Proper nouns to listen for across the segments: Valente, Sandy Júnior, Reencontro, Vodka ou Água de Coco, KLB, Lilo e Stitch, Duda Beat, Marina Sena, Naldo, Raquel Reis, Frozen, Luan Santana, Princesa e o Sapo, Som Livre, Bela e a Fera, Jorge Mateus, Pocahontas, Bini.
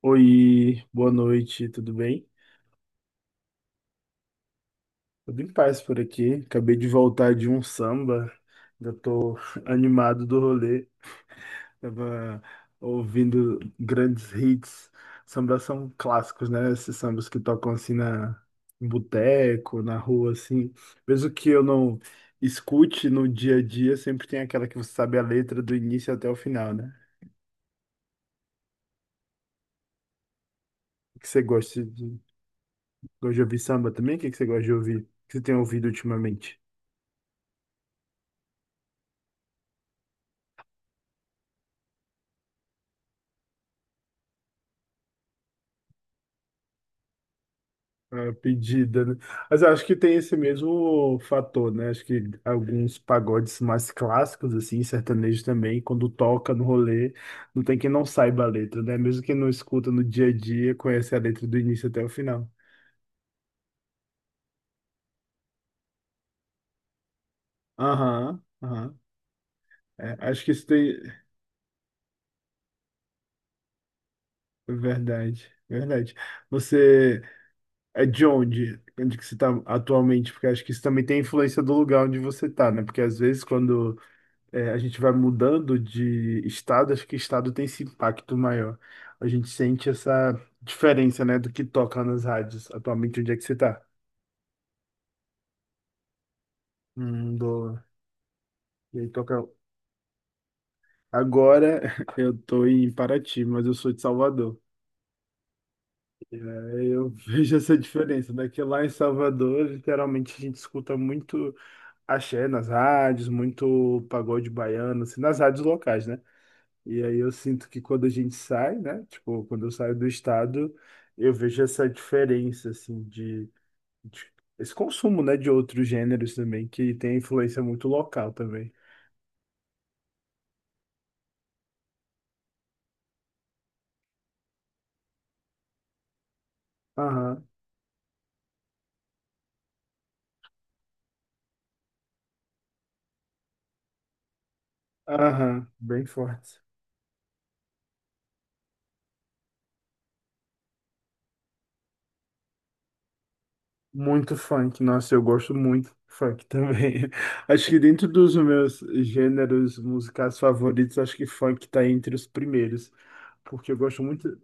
Oi, boa noite, tudo bem? Tudo em paz por aqui. Acabei de voltar de um samba, ainda tô animado do rolê. Tava ouvindo grandes hits. Sambas são clássicos, né? Esses sambas que tocam assim na em boteco, na rua, assim. Mesmo que eu não escute no dia a dia, sempre tem aquela que você sabe a letra do início até o final, né? O que você gosta de ouvir samba também? O que que você gosta de ouvir? O que você tem ouvido ultimamente? A pedida, né? Mas eu acho que tem esse mesmo fator, né? Acho que alguns pagodes mais clássicos, assim, sertanejo também, quando toca no rolê, não tem quem não saiba a letra, né? Mesmo quem não escuta no dia a dia, conhece a letra do início até o final. Aham, aham. É, acho que isso tem. Verdade, verdade. Você é de onde? Onde que você está atualmente? Porque acho que isso também tem influência do lugar onde você está, né? Porque às vezes quando é, a gente vai mudando de estado, acho que estado tem esse impacto maior. A gente sente essa diferença, né, do que toca nas rádios. Atualmente, onde é que você tá? Do... E aí toca... Agora eu tô em Paraty, mas eu sou de Salvador. É, eu vejo essa diferença, né? Que lá em Salvador, literalmente, a gente escuta muito axé nas rádios, muito pagode baiano, assim, nas rádios locais, né? E aí eu sinto que quando a gente sai, né? Tipo, quando eu saio do estado, eu vejo essa diferença, assim, de, de- esse consumo, né, de outros gêneros também, que tem influência muito local também. Aham, aham, bem forte. Muito funk, nossa, eu gosto muito de funk também. Acho que dentro dos meus gêneros musicais favoritos, acho que funk tá entre os primeiros, porque eu gosto muito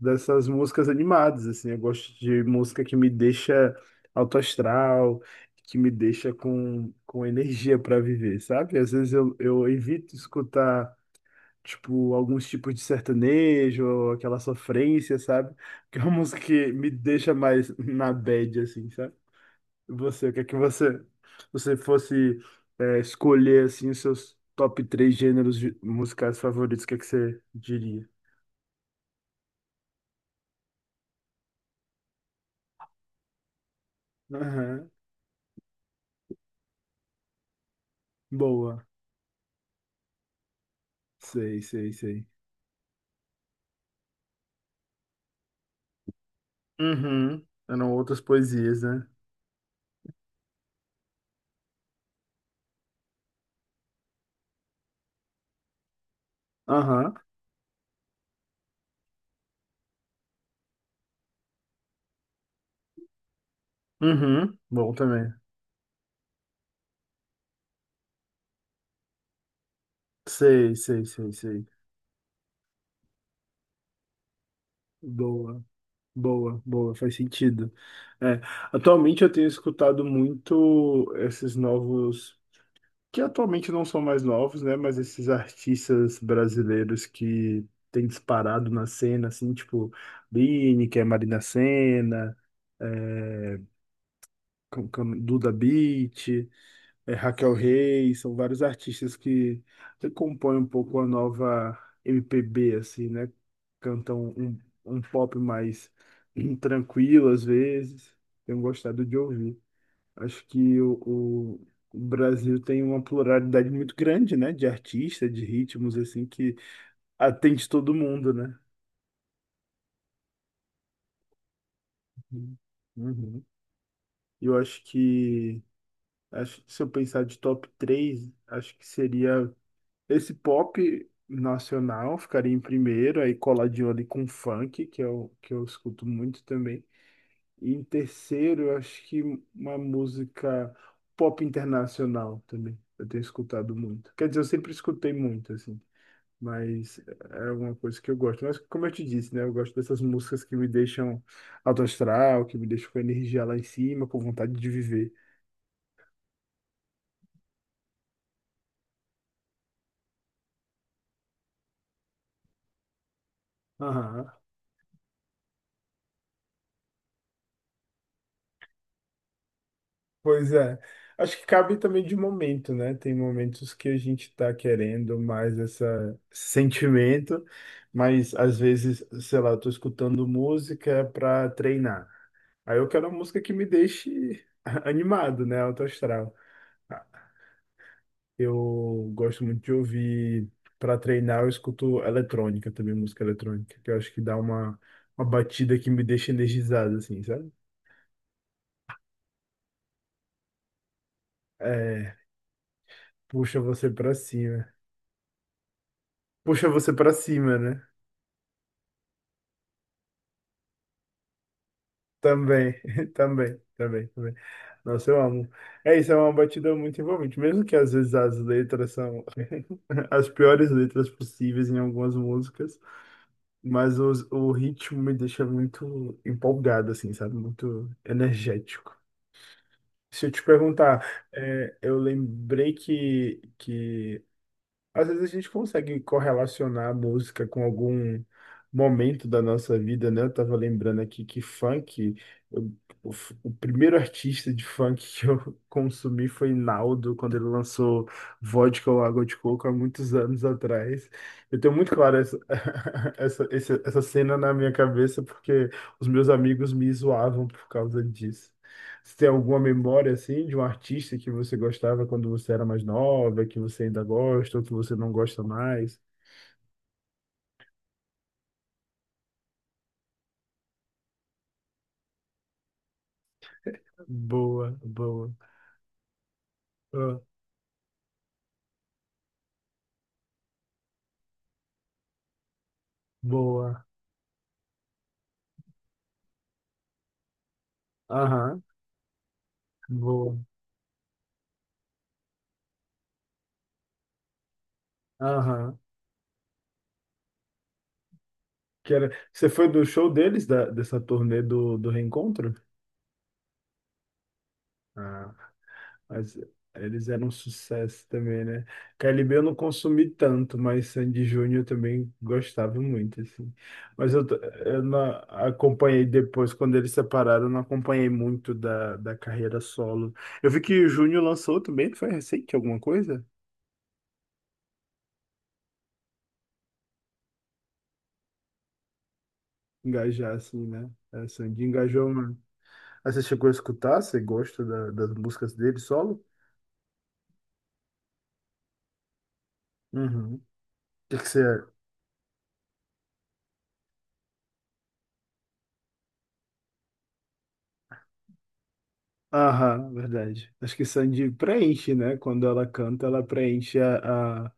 dessas músicas animadas, assim, eu gosto de música que me deixa alto astral, que me deixa com energia para viver, sabe? Às vezes eu evito escutar, tipo, alguns tipos de sertanejo, aquela sofrência, sabe? Que é uma música que me deixa mais na bad, assim, sabe? Você, o que é que você, você fosse escolher assim os seus top três gêneros musicais favoritos, o que é que você diria? Aham. Boa. Sei, sei, sei. Uhum. Eram outras poesias, né? Aham. Uhum. Bom também. Sei, sei, sei, sei. Boa, boa, boa, faz sentido. É, atualmente eu tenho escutado muito esses novos que atualmente não são mais novos, né? Mas esses artistas brasileiros que têm disparado na cena, assim, tipo Bini, que é Marina Sena, é, com Duda Beat, é, Raquel Reis, são vários artistas que compõem um pouco a nova MPB, assim, né? Cantam um, um pop mais tranquilo às vezes. Tenho gostado de ouvir. Acho que o, o Brasil tem uma pluralidade muito grande, né? De artistas, de ritmos, assim, que atende todo mundo, né? Uhum. Uhum. Eu acho que se eu pensar de top 3, acho que seria esse pop nacional, ficaria em primeiro, aí coladinho ali com funk, que é o que eu escuto muito também. E em terceiro, eu acho que uma música pop internacional também. Eu tenho escutado muito. Quer dizer, eu sempre escutei muito, assim. Mas é uma coisa que eu gosto. Mas como eu te disse, né? Eu gosto dessas músicas que me deixam alto astral, que me deixam com energia lá em cima, com vontade de viver. Aham. Pois é. Acho que cabe também de momento, né? Tem momentos que a gente tá querendo mais esse sentimento, mas às vezes, sei lá, eu tô escutando música pra treinar. Aí eu quero uma música que me deixe animado, né? Alto astral. Eu gosto muito de ouvir para treinar, eu escuto eletrônica também, música eletrônica, que eu acho que dá uma batida que me deixa energizado, assim, sabe? É, puxa você para cima. Puxa você para cima, né? Também, também, também, também. Nossa, eu amo. É isso, é uma batida muito envolvente, mesmo que às vezes as letras são as piores letras possíveis em algumas músicas, mas os, o ritmo me deixa muito empolgado, assim, sabe? Muito energético. Se eu te perguntar, é, eu lembrei que às vezes a gente consegue correlacionar a música com algum momento da nossa vida, né? Eu tava lembrando aqui que funk, eu- o, o primeiro artista de funk que eu consumi foi Naldo, quando ele lançou Vodka ou Água de Coco há muitos anos atrás. Eu tenho muito claro essa, essa, essa cena na minha cabeça, porque os meus amigos me zoavam por causa disso. Você tem alguma memória assim de um artista que você gostava quando você era mais nova, que você ainda gosta ou que você não gosta mais? Boa, boa, ah, boa, aham, boa, aham. Que era... Você foi do show deles, da, dessa turnê do, do Reencontro? Ah. Mas eles eram um sucesso também, né? KLB eu não consumi tanto, mas Sandy Júnior eu também gostava muito, assim. Mas eu não acompanhei depois, quando eles separaram, eu não acompanhei muito da, da carreira solo. Eu vi que o Júnior lançou também, foi recente alguma coisa? Engajar, assim, né? É, Sandy engajou, mano. Ah, você chegou a escutar? Você gosta da- das músicas dele solo? Uhum. O que que você aham, verdade. Acho que Sandy preenche, né? Quando ela canta, ela preenche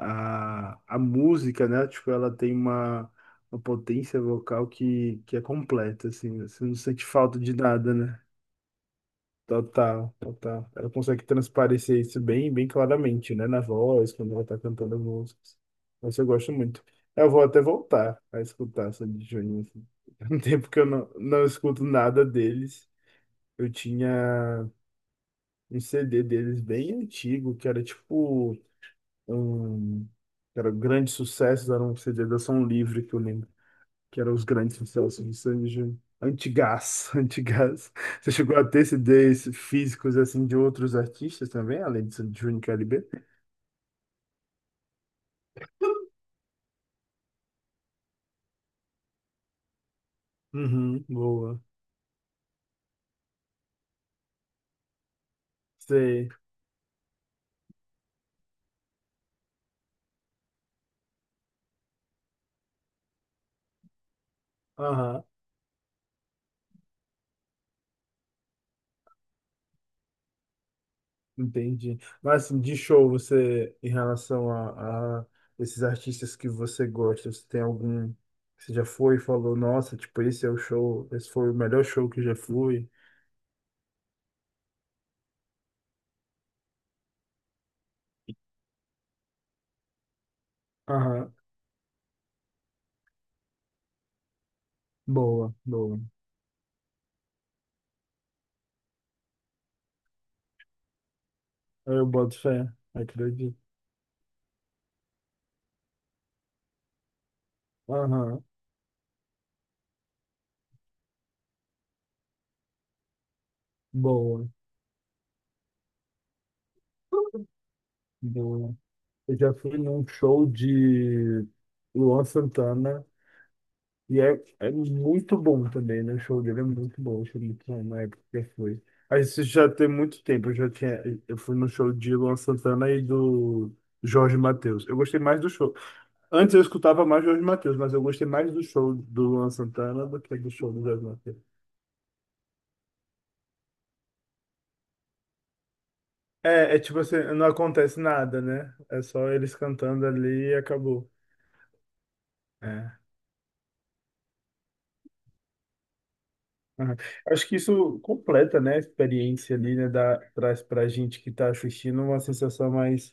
a música, né? Tipo, ela tem uma potência vocal que é completa, assim. Você não sente falta de nada, né? Total, total. Ela consegue transparecer isso bem, bem claramente, né? Na voz, quando ela tá cantando as músicas. Mas eu gosto muito. Eu vou até voltar a escutar Sandy e Juninho. Assim. Tem um tempo que eu não, não escuto nada deles. Eu tinha. Um CD deles bem antigo, que era tipo um, que era grande sucesso, era um CD da Som Livre que eu lembro, que era os grandes sucessos de Sanji. Antigás, antigás. Você chegou a ter CDs físicos assim de outros artistas também, além de Júnior e KLB? Uhum, boa. Sei. Aham. Entendi. Mas assim, de show, você, em relação a esses artistas que você gosta, você tem algum que você já foi e falou, nossa, tipo, esse é o show, esse foi o melhor show que eu já fui. Aham, boa, boa. Eu boto fé, acredito. Aham, boa, boa. Eu já fui num show de Luan Santana. E é, é muito bom também, né? O show dele é muito bom, o show muito bom na época que foi. Aí isso já tem muito tempo, eu já tinha. Eu fui no show de Luan Santana e do Jorge Mateus. Eu gostei mais do show. Antes eu escutava mais Jorge Mateus, mas eu gostei mais do show do Luan Santana do que do show do Jorge Mateus. É, é tipo assim, não acontece nada, né? É só eles cantando ali e acabou. É. Aham. Acho que isso completa, né, a experiência ali, né, dá, traz pra gente que tá assistindo uma sensação mais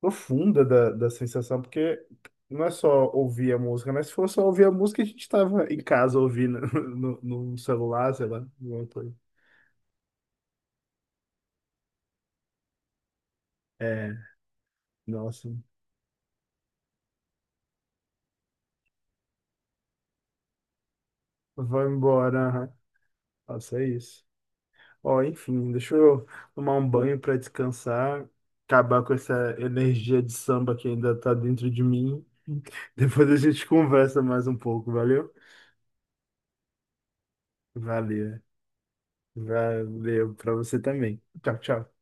profunda da, da sensação, porque não é só ouvir a música, né? Se fosse só ouvir a música, a gente estava em casa ouvindo no, no celular, sei lá, alguma coisa. É, nossa, vai embora, aham. Nossa, é isso. Ó, enfim, deixa eu tomar um banho para descansar, acabar com essa energia de samba que ainda tá dentro de mim. Depois a gente conversa mais um pouco, valeu? Valeu. Valeu para você também. Tchau, tchau.